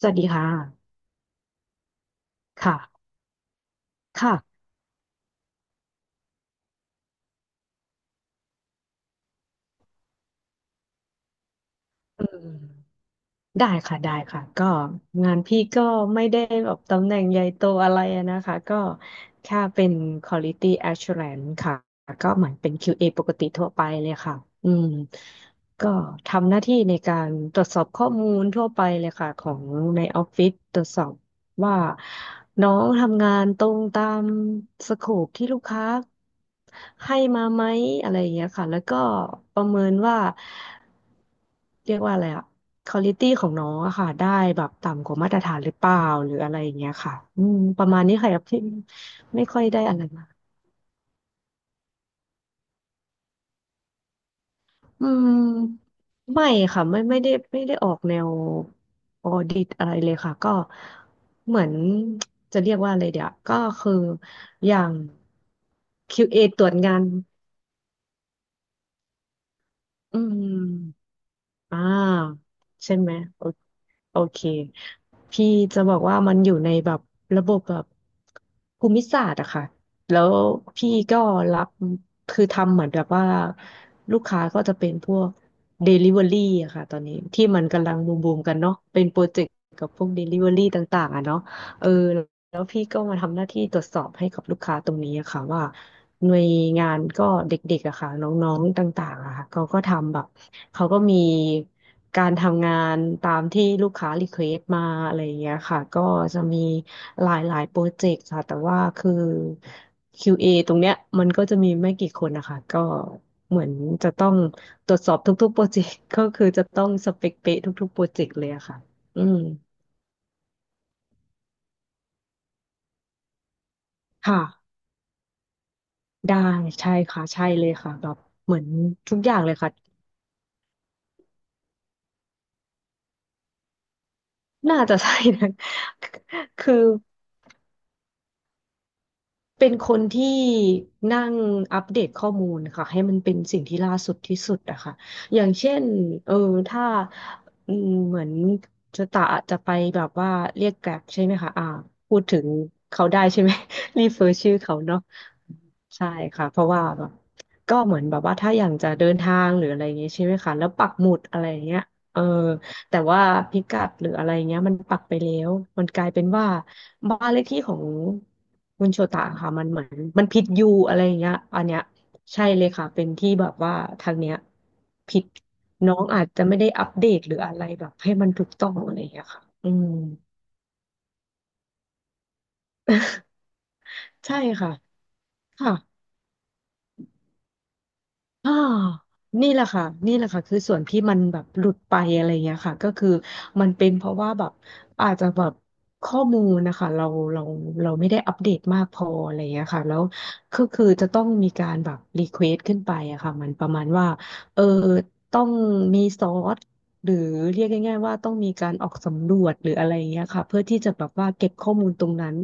สวัสดีค่ะ ค่ะ ค่ะอืมได้ค่ะ ก็งานพี่ก็ไม่ได้แบบตำแหน่งใหญ่โตอะไรอะนะคะ ก็แค่เป็น Quality Assurance ค่ะ ก็เหมือนเป็น QA ปกติทั่วไปเลยค่ะ อืม ก็ทำหน้าที่ในการตรวจสอบข้อมูลทั่วไปเลยค่ะของในออฟฟิศตรวจสอบ ว่าน้องทำงานตรงตามสโคปที่ลูกค้าให้มาไหมอะไรอย่างเงี้ยค่ะแล้วก็ประเมินว่าเรียกว่าอะไรอะค u a l i t y ของน้องอะค่ะได้แบบต่ำกว่ามาตรฐานหรือเปล่าหรืออะไรอย่างเงี้ยค่ะอืมประมาณนี้ค่ะที่ไม่ค่อยได้อะไร อืมไม่ค่ะไม่ได้ออกแนวออดิตอะไรเลยค่ะก็เหมือนจะเรียกว่าอะไรเดี๋ยวก็คืออย่าง QA ตรวจงานอืมอ่าใช่ไหม โอเคพี่จะบอกว่ามันอยู่ในแบบระบบแบบภูมิศาสตร์อะค่ะแล้วพี่ก็รับคือทำเหมือนแบบว่าลูกค้าก็จะเป็นพวก Delivery อะค่ะตอนนี้ที่มันกำลังบูมบูมกันเนาะเป็นโปรเจกต์กับพวก Delivery ต่างๆอะเนาะเออแล้วพี่ก็มาทำหน้าที่ตรวจสอบให้กับลูกค้าตรงนี้อะค่ะว่าหน่วยงานก็เด็กๆอะค่ะน้องๆต่างๆอะค่ะเขาก็ทำแบบ เขาก็มีการทำงานตามที่ลูกค้ารีเควสมาอะไรอย่างเงี้ยค่ะก็จะมีหลายโปรเจกต์ค่ะแต่ว่าคือ QA ตรงเนี้ยมันก็จะมีไม่กี่คนนะคะก็เหมือนจะต้องตรวจสอบทุกๆโปรเจกต์ ก็คือจะต้องสเปคเป๊ะทุกๆโปรเจกต์เลยอะค่ะอืมค่ะได้ใช่ค่ะใช่เลยค่ะแบบเหมือนทุกอย่างเลยค่ะน่าจะใช่นะ คือ เป็นคนที่นั่งอัปเดตข้อมูลค่ะให้มันเป็นสิ่งที่ล่าสุดที่สุดอะค่ะอย่างเช่นเออถ้าอืมเหมือนจะตะจะไปแบบว่าเรียกแกร็บใช่ไหมคะอ่าพูดถึงเขาได้ใช่ไหม รีเฟอร์ชื่อเขาเนาะ ใช่ค่ะเพราะว่าแบบก็เหมือนแบบว่าถ้าอย่างจะเดินทางหรืออะไรอย่างเงี้ยใช่ไหมคะแล้วปักหมุดอะไรอย่างเงี้ยเออแต่ว่าพิกัดหรืออะไรเงี้ยมันปักไปแล้วมันกลายเป็นว่าบ้านเลขที่ของคุณโชตะค่ะมันเหมือนมันผิดยูอะไรอย่างเงี้ยอันเนี้ยใช่เลยค่ะเป็นที่แบบว่าทางเนี้ยผิดน้องอาจจะไม่ได้อัปเดตหรืออะไรแบบให้มันถูกต้องอะไรอย่างเงี้ยค่ะอืม ใช่ค่ะค่ะ อ่านี่แหละค่ะนี่แหละค่ะคือส่วนที่มันแบบหลุดไปอะไรเงี้ยค่ะก็คือมันเป็นเพราะว่าแบบอาจจะแบบข้อมูลนะคะเราเราไม่ได้อัปเดตมากพออะไรเงี้ยค่ะแล้วก็คือจะต้องมีการแบบรีเควสขึ้นไปอะค่ะมันประมาณว่าเออต้องมีซอสหรือเรียกง่ายๆว่าต้องมีการออกสำรวจหรืออะไรเงี้ยค่ะเพื่อที่จะแบบว่าเก็บข้อมูลตรงนั้น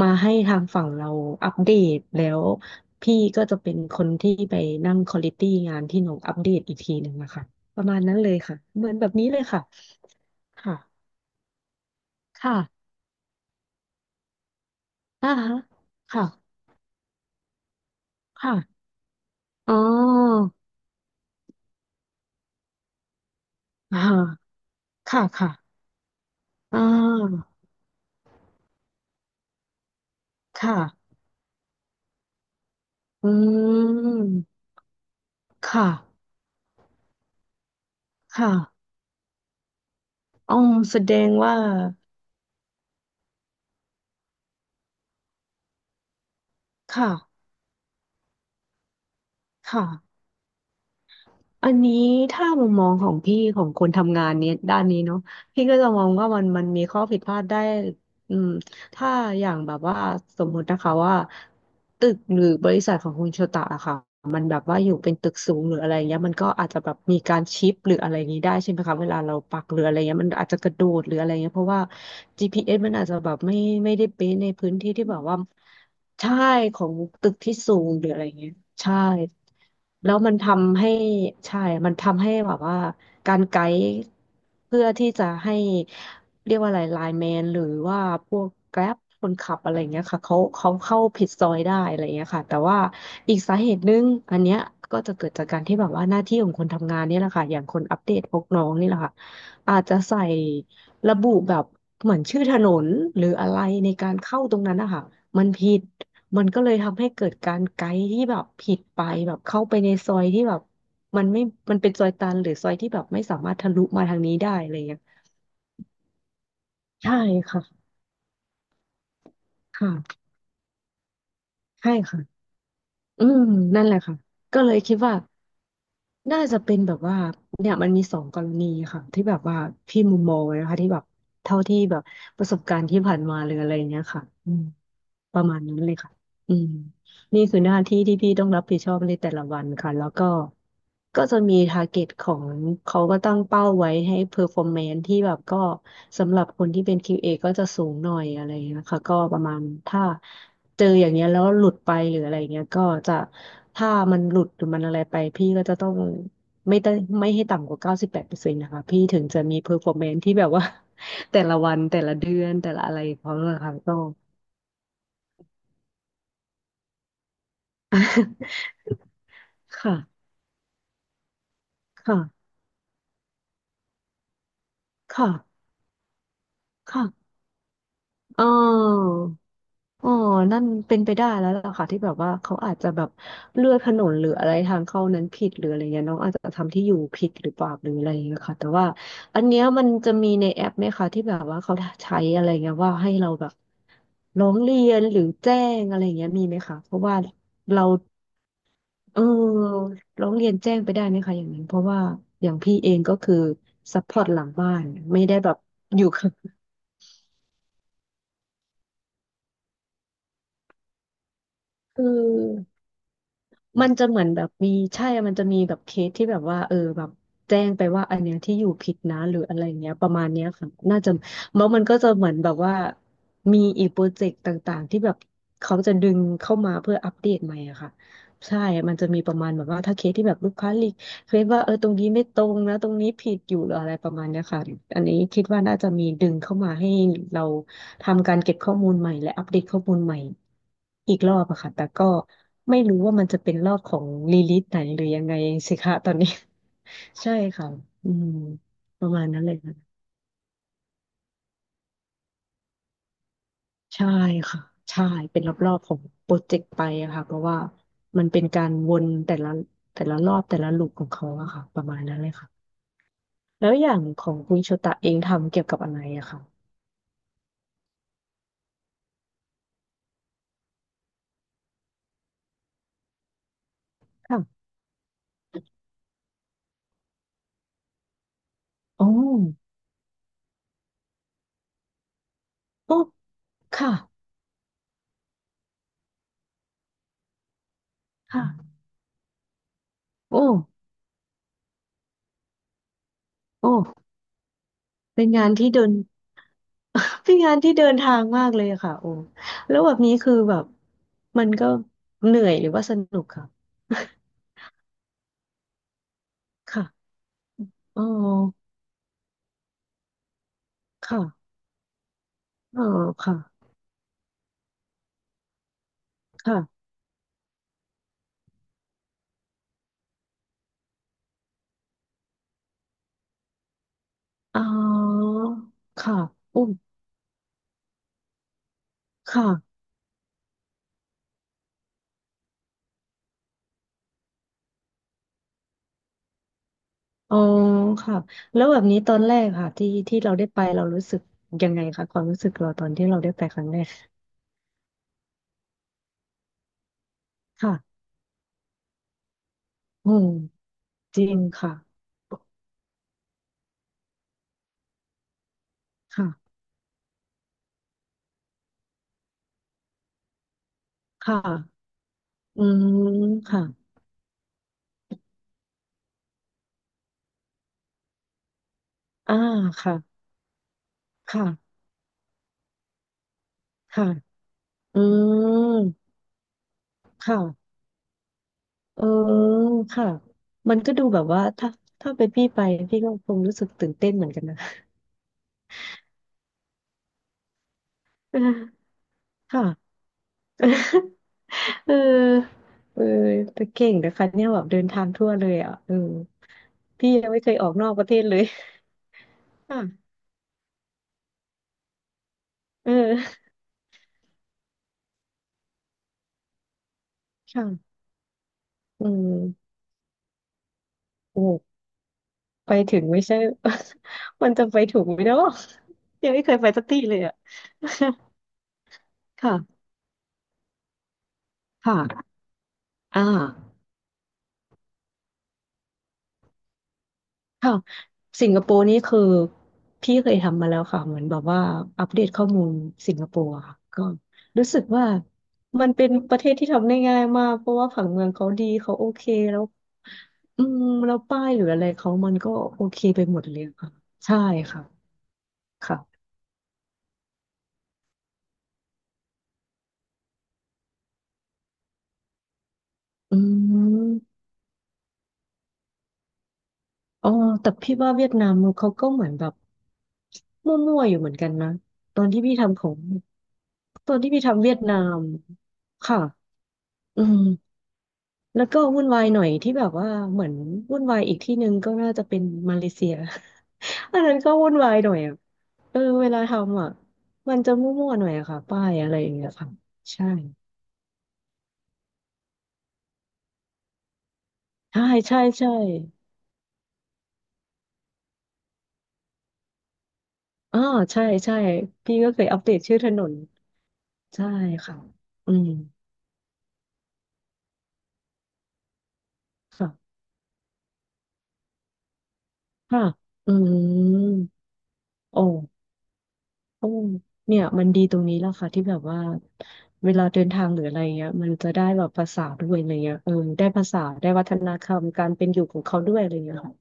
มาให้ทางฝั่งเราอัปเดตแล้ว พี่ก็จะเป็นคนที่ไปนั่งควอลิตี้งานที่น้องอัปเดตอีกทีหนึ่งนะคะประมาณนั้นเลยค่ะเหมือนแบบนี้เลยค่ะค่ะค่ะอ่าฮะค่ะค่ะอ๋ออ่าค่ะค่ะอ่าค่ะอืมค่ะค่ะอ๋อแสดงว่าค่ะค่ะ อันนี้ถ้ามุมมองของพี่ของคนทำงานเนี้ยด้านนี้เนาะพี่ก็จะมองว่ามันมีข้อผิดพลาดได้อืมถ้าอย่างแบบว่าสมมตินะคะว่าตึกหรือบริษัทของคุณโชตะอะค่ะมันแบบว่าอยู่เป็นตึกสูงหรืออะไรเงี้ยมันก็อาจจะแบบมีการชิปหรืออะไรอย่างนี้ได้ใช่ไหมคะเวลาเราปักหรืออะไรเงี้ยมันอาจจะกระโดดหรืออะไรเงี้ยเพราะว่า GPS มันอาจจะแบบไม่ได้เป๊ะในพื้นที่ที่แบบว่า ใช่ของตึกที่สูงหรืออะไรเงี้ยใช่แล้วมันทำให้ใช่มันทำให้แบบว่าการไกด์เพื่อที่จะให้เรียกว่าอะไรไลน์แมนหรือว่าพวกแกร็บคนขับอะไรเงี้ยค่ะเขาเข้าผิดซอยได้อะไรเงี้ยค่ะแต่ว่าอีกสาเหตุหนึงอันเนี้ยก็จะเกิดจากการที่แบบว่าหน้าที่ของคนทำงานนี่แหละค่ะอย่างคนอัปเดตพวกน้องนี่แหละค่ะอาจจะใส่ระบุแบบเหมือนชื่อถนนหรืออะไรในการเข้าตรงนั้นนะคะมันผิด มันก็เลยทำให้เกิดการไกด์ที่แบบผิดไปแบบเข้าไปในซอยที่แบบมันไม่มันเป็นซอยตันหรือซอยที่แบบไม่สามารถทะลุมาทางนี้ได้อะไรอย่างเงี้ยใช่ค่ะค่ะใช่ค่ะอืมนั่นแหละค่ะก็เลยคิดว่าน่าจะเป็นแบบว่าเนี่ยมันมีสองกรณีค่ะที่แบบว่าพี่มุมมองนะคะที่แบบเท่าที่แบบประสบการณ์ที่ผ่านมาหรืออะไรเงี้ยค่ะ ประมาณนั้นเลยค่ะอืมนี่คือหน้าที่ที่พี่ต้องรับผิดชอบในแต่ละวันค่ะแล้วก็ก็จะมีทาร์เก็ตของเขาก็ตั้งเป้าไว้ให้เพอร์ฟอร์แมนซ์ที่แบบก็สำหรับคนที่เป็น QA ก็จะสูงหน่อยอะไรอย่างเงี้ยค่ะก็ประมาณถ้าเจออย่างเงี้ยแล้วหลุดไปหรืออะไรเงี้ยก็จะถ้ามันหลุดหรือมันอะไรไปพี่ก็จะต้องไม่ได้ไม่ให้ต่ำกว่า98%นะคะพี่ถึงจะมีเพอร์ฟอร์แมนซ์ที่แบบว่า แต่ละวันแต่ละเดือนแต่ละอะไรของเขาเลยค่ะก็ ค่ะค่ะค่ะค่ะเอออ๋อนั่นเป็นไปได้แล้วล่ะค่ะที่แบบว่าเขาอาจจะแบบเลือกถนนหรืออะไรทางเข้านั้นผิดหรืออะไรเงี้ยน้องอาจจะทำที่อยู่ผิดหรือเปล่าหรืออะไรเงี้ยค่ะแต่ว่าอันเนี้ยมันจะมีในแอปไหมคะที่แบบว่าเขาใช้อะไรเงี้ยว่าให้เราแบบร้องเรียนหรือแจ้งอะไรเงี้ยมีไหมคะเพราะว่าเราเออร้องเรียนแจ้งไปได้ไหมคะอย่างนั้นเพราะว่าอย่างพี่เองก็คือซัพพอร์ตหลังบ้านไม่ได้แบบอยู่ คือมันจะเหมือนแบบมีใช่มันจะมีแบบเคสที่แบบว่าเออแบบแจ้งไปว่าอันเนี้ยที่อยู่ผิดนะหรืออะไรเงี้ยประมาณเนี้ยค่ะน่าจะแล้วมันก็จะเหมือนแบบว่ามีอีกโปรเจกต์ต่างๆที่แบบเขาจะดึงเข้ามาเพื่ออัปเดตใหม่อะค่ะใช่มันจะมีประมาณแบบว่าถ้าเคสที่แบบลูกค้ารี เคลมว่าเออตรงนี้ไม่ตรงนะตรงนี้ผิดอยู่หรืออะไรประมาณเนี้ยค่ะอันนี้คิดว่าน่าจะมีดึงเข้ามาให้เราทำการเก็บข้อมูลใหม่และอัปเดตข้อมูลใหม่อีกรอบอะค่ะแต่ก็ไม่รู้ว่ามันจะเป็นรอบของรีลิสไหนหรือยังไงสิคะตอนนี้ ใช่ค่ะอืมประมาณนั้นเลยค่ะใช่ค่ะใช่เป็นรอบๆของโปรเจกต์ไปอะค่ะเพราะว่ามันเป็นการวนแต่ละแต่ละรอบแต่ละลูปของเขาอะค่ะประมาณนั้นเลยค่ะ แล้วอย่างของคุณโชตะเองทำเกี่ยวกับอะไรอะคะค่ะโอ้โอ้ค่ะค่ะโอ้โอ้เป็นงานที่เดิน เป็นงานที่เดินทางมากเลยอะค่ะโอ้แล้วแบบนี้คือแบบมันก็เหนื่อยหรือว่าสนุกค่ะ ค่ะอ๋อค่ะอ๋อค่ะค่ะอ๋อค่ะอุ้มค่ะอ๋อค่ะแล้วแบบนี้ตอนแรกค่ะที่ที่เราได้ไปเรารู้สึกยังไงคะความรู้สึกเราตอนที่เราได้ไปครั้งแรก ค่ะอืมจริงค่ะ ค่ะ ค่ะ อืมค่ะอ่าค่ะ ค่ะค่ะ อืมค่ะเออค่ะ มันก็ดูแบบว่าถ้าถ้าเป็นพี่ไปพี่ก็คงรู้สึกตื่นเต้นเหมือนกันนะ เออค่ะ เออเออแต่เก่งนะคะเนี่ยแบบเดินทางทั่วเลยอ่ะเออพี่ยังไม่เคยออกนอกประเทศเลย ค่ะเออค่ะอืมโอ้ ไปถึงไม่ใช่ มันจะไปถูกไหมเนาะยังไม่เคยไปสักที่เลยอ่ะ ค่ะ ค่ะอ่าค่ะสิงคโปร์นี่คือพี่เคยทำมาแล้วค่ะเหมือนแบบว่าอัปเดตข้อมูลสิงคโปร์อะค่ะก็รู้สึกว่ามันเป็นประเทศที่ทำได้ง่ายมากเพราะว่าผังเมืองเขาดีเขาโอเคแล้วอืมแล้วป้ายหรืออะไรเขามันก็โอเคไปหมดเลยค่ะใช่ค่ะค่ะอืม อ๋อแต่พี่ว่าเวียดนามเขาก็เหมือนแบบมั่วๆอยู่เหมือนกันนะตอนที่พี่ทำของตอนที่พี่ทำเวียดนามค่ะอืมแล้วก็วุ่นวายหน่อยที่แบบว่าเหมือนวุ่นวายอีกที่หนึ่งก็น่าจะเป็นมาเลเซีย อันนั้นก็วุ่นวายหน่อยอ่ะเออเวลาทำอ่ะมันจะมั่วๆหน่อยอะค่ะป้ายอะไรอย่างเงี้ยค่ะใช่ใช่ใช่ใช่อ่าใช่ใช่พี่ก็เคยอัปเดตชื่อถนนใช่ค่ะอืมค่ะ ค่ะอืมโอ้โอ้เนี่ยมันดีตรงนี้แหละค่ะที่แบบว่าเวลาเดินทางหรืออะไรเงี้ยมันจะได้แบบภาษาด้วยอะไรเงี้ยเออได้ภาษาได้วัฒนธรรมการเป็นอยู่ของเขาด้วยอะไรเงี้ยค่ะ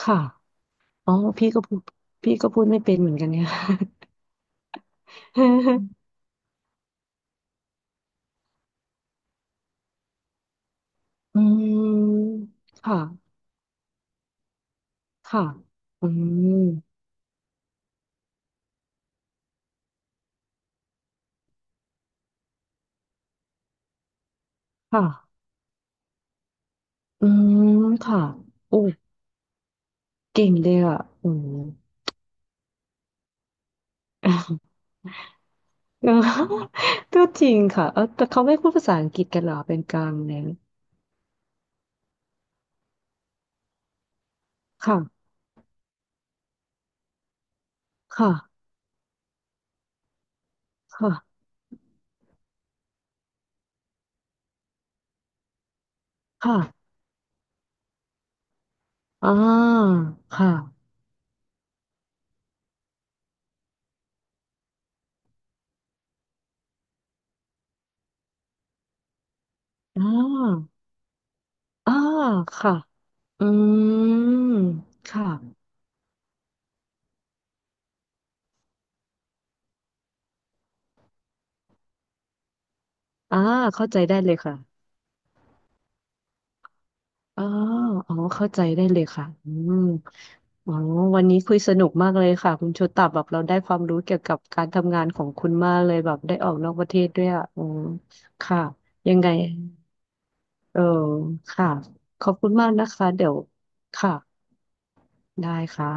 ค่ะอ๋อพี่ก็พูดพี่ก็พูดไม่เป็นเหมือนกันเนี่ย อืมค่ะค่ะอืมค่ะอืมค่ะโอ้เก่งเลยอ่ะอืม เออ ก็จริงค่ะเออแต่เขาไม่พูดภาษาอังกฤษกันเหรอเป็นกลางเนี่ยค่ะค่ะค่ะค่ะอ่าค่ะอ่าอ่าค่ะอืมค่ะอ่าเข้าใจได้เลยค่ะอ๋ออ๋อเข้าใจได้เลยค่ะอืมอ๋อวันนี้คุยสนุกมากเลยค่ะคุณโชตับแบบเราได้ความรู้เกี่ยวกับการทำงานของคุณมากเลยแบบได้ออกนอกประเทศด้วยอ่ะอืมค่ะ ยังไง เออค่ะขอบคุณมากนะคะเดี๋ยวค่ะได้ค่ะ